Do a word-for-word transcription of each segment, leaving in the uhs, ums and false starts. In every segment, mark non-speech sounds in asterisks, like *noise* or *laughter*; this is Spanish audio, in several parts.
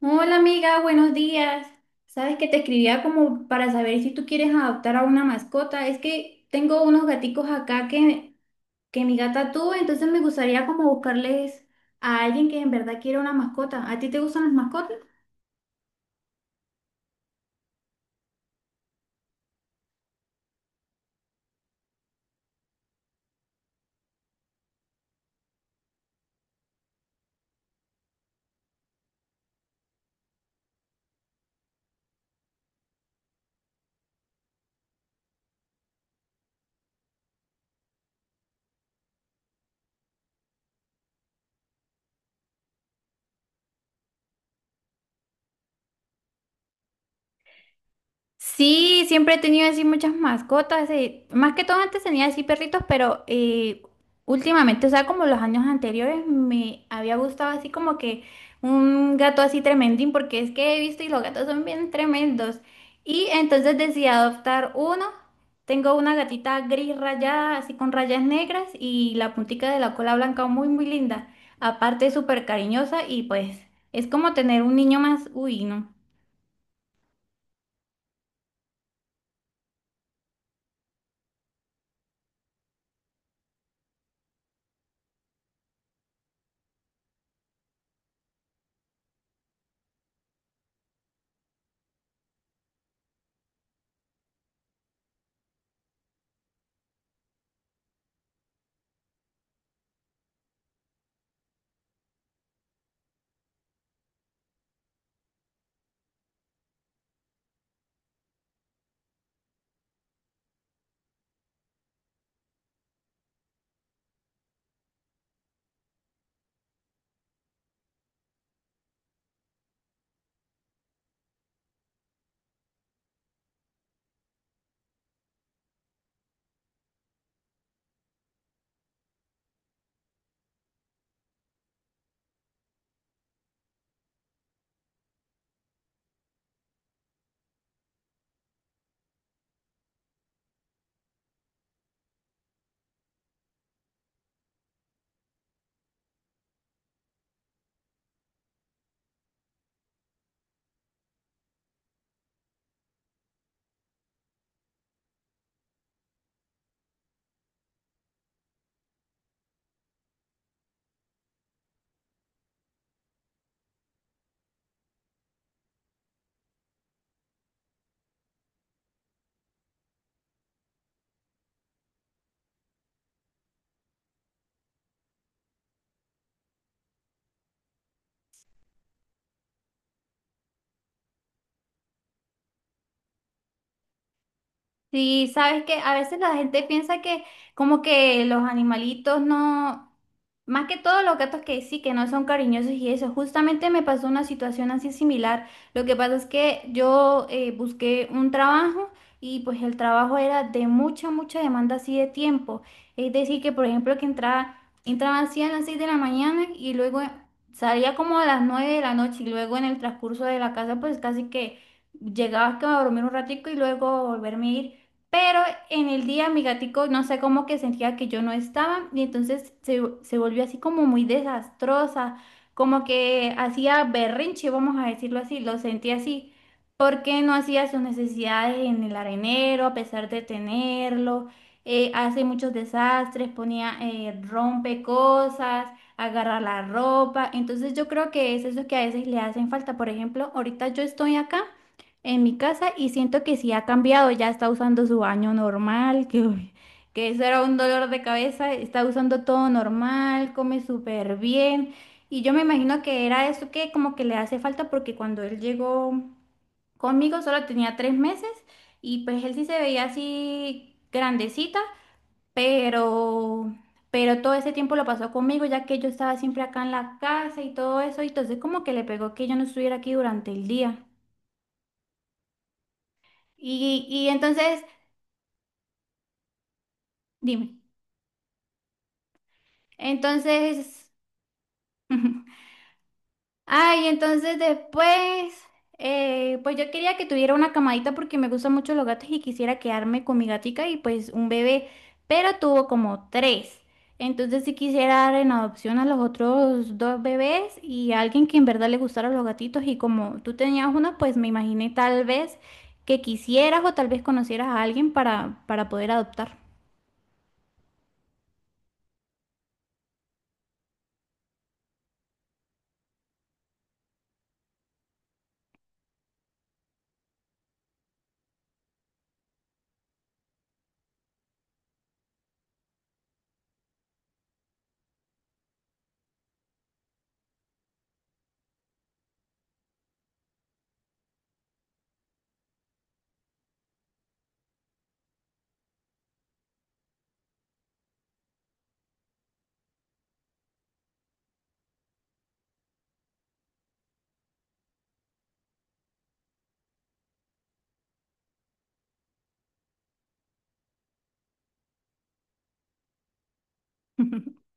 Hola amiga, buenos días. Sabes que te escribía como para saber si tú quieres adoptar a una mascota. Es que tengo unos gaticos acá que, que mi gata tuvo, entonces me gustaría como buscarles a alguien que en verdad quiera una mascota. ¿A ti te gustan las mascotas? Sí, siempre he tenido así muchas mascotas, eh, más que todo antes tenía así perritos, pero eh, últimamente, o sea, como los años anteriores, me había gustado así como que un gato así tremendín, porque es que he visto y los gatos son bien tremendos. Y entonces decidí adoptar uno. Tengo una gatita gris rayada, así con rayas negras y la puntica de la cola blanca muy, muy linda. Aparte, es súper cariñosa y pues es como tener un niño más, uy, no. Sí, sabes que a veces la gente piensa que como que los animalitos no, más que todo los gatos que sí, que no son cariñosos y eso. Justamente me pasó una situación así similar. Lo que pasa es que yo eh, busqué un trabajo y pues el trabajo era de mucha, mucha demanda así de tiempo. Es decir, que por ejemplo que entraba, entraba así a las seis de la mañana y luego salía como a las nueve de la noche y luego en el transcurso de la casa pues casi que llegaba que a dormir un ratico y luego volverme a ir. Pero en el día mi gatico, no sé cómo que sentía que yo no estaba y entonces se, se volvió así como muy desastrosa, como que hacía berrinche, vamos a decirlo así, lo sentí así, porque no hacía sus necesidades en el arenero a pesar de tenerlo, eh, hace muchos desastres, ponía, eh, rompe cosas, agarra la ropa, entonces yo creo que es eso que a veces le hacen falta, por ejemplo, ahorita yo estoy acá en mi casa y siento que sí ha cambiado, ya está usando su baño normal, *laughs* que, uy, que eso era un dolor de cabeza, está usando todo normal, come súper bien y yo me imagino que era eso que como que le hace falta porque cuando él llegó conmigo solo tenía tres meses y pues él sí se veía así grandecita, pero... Pero todo ese tiempo lo pasó conmigo, ya que yo estaba siempre acá en la casa y todo eso, y entonces como que le pegó que yo no estuviera aquí durante el día. Y, y entonces dime. Entonces, *laughs* ujú, ay, entonces después, eh, pues yo quería que tuviera una camadita porque me gustan mucho los gatos y quisiera quedarme con mi gatica y pues un bebé, pero tuvo como tres. Entonces sí quisiera dar en adopción a los otros dos bebés y a alguien que en verdad le gustaran los gatitos y como tú tenías uno, pues me imaginé tal vez que quisieras o tal vez conocieras a alguien para, para poder adoptar. *laughs*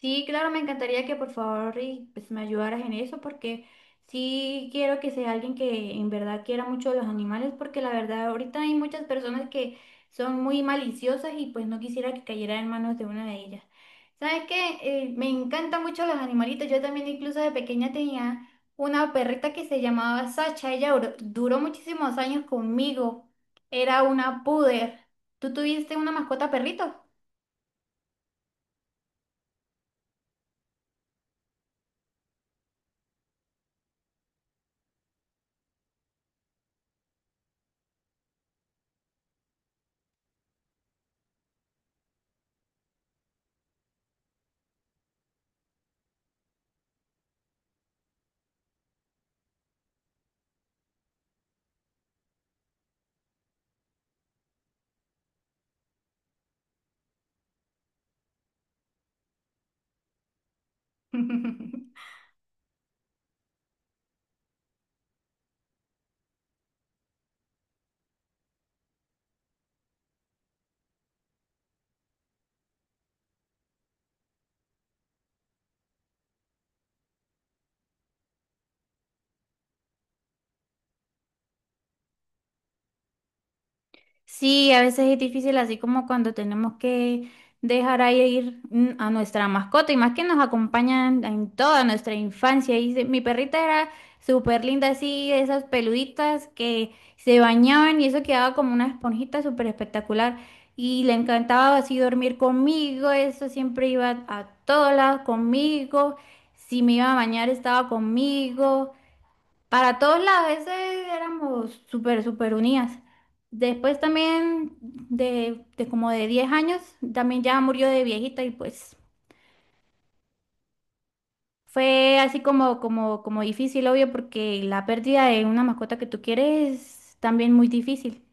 Sí, claro, me encantaría que por favor y, pues, me ayudaras en eso porque sí quiero que sea alguien que en verdad quiera mucho los animales porque la verdad ahorita hay muchas personas que son muy maliciosas y pues no quisiera que cayera en manos de una de ellas. ¿Sabes qué? Eh, me encantan mucho los animalitos. Yo también incluso de pequeña tenía una perrita que se llamaba Sacha. Ella duró, duró muchísimos años conmigo. Era una puder. ¿Tú tuviste una mascota perrito? *laughs* Sí, a veces es difícil, así como cuando tenemos que dejar ahí e ir mm, a nuestra mascota y más que nos acompañan en toda nuestra infancia. Y se- mi perrita era súper linda, así, de esas peluditas que se bañaban y eso quedaba como una esponjita súper espectacular. Y le encantaba así dormir conmigo, eso siempre iba a todos lados conmigo. Si me iba a bañar, estaba conmigo. Para todos lados, ese éramos súper, súper unidas. Después también de, de como de diez años, también ya murió de viejita y pues fue así como, como, como difícil, obvio, porque la pérdida de una mascota que tú quieres es también muy difícil.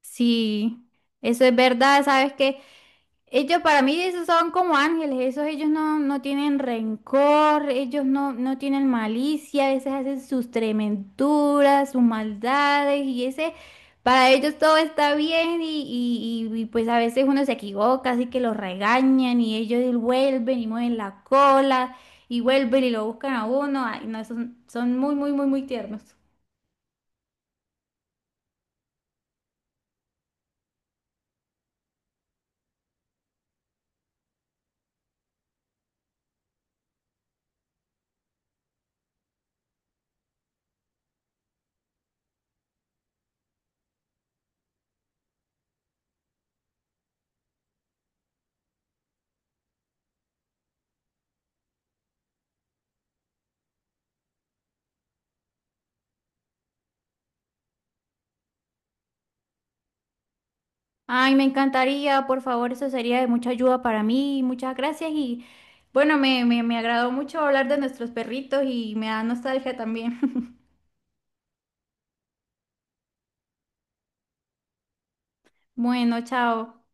Sí, eso es verdad, sabes que ellos para mí esos son como ángeles, esos ellos no, no tienen rencor, ellos no, no tienen malicia, a veces hacen sus trementuras, sus maldades y ese, para ellos todo está bien y, y- y- y, pues a veces uno se equivoca, así que los regañan y ellos vuelven y mueven la cola y vuelven y lo buscan a uno, ay no, son, son muy, muy, muy, muy tiernos. Ay, me encantaría, por favor, eso sería de mucha ayuda para mí. Muchas gracias y bueno, me, me, me agradó mucho hablar de nuestros perritos y me da nostalgia también. *laughs* Bueno, chao.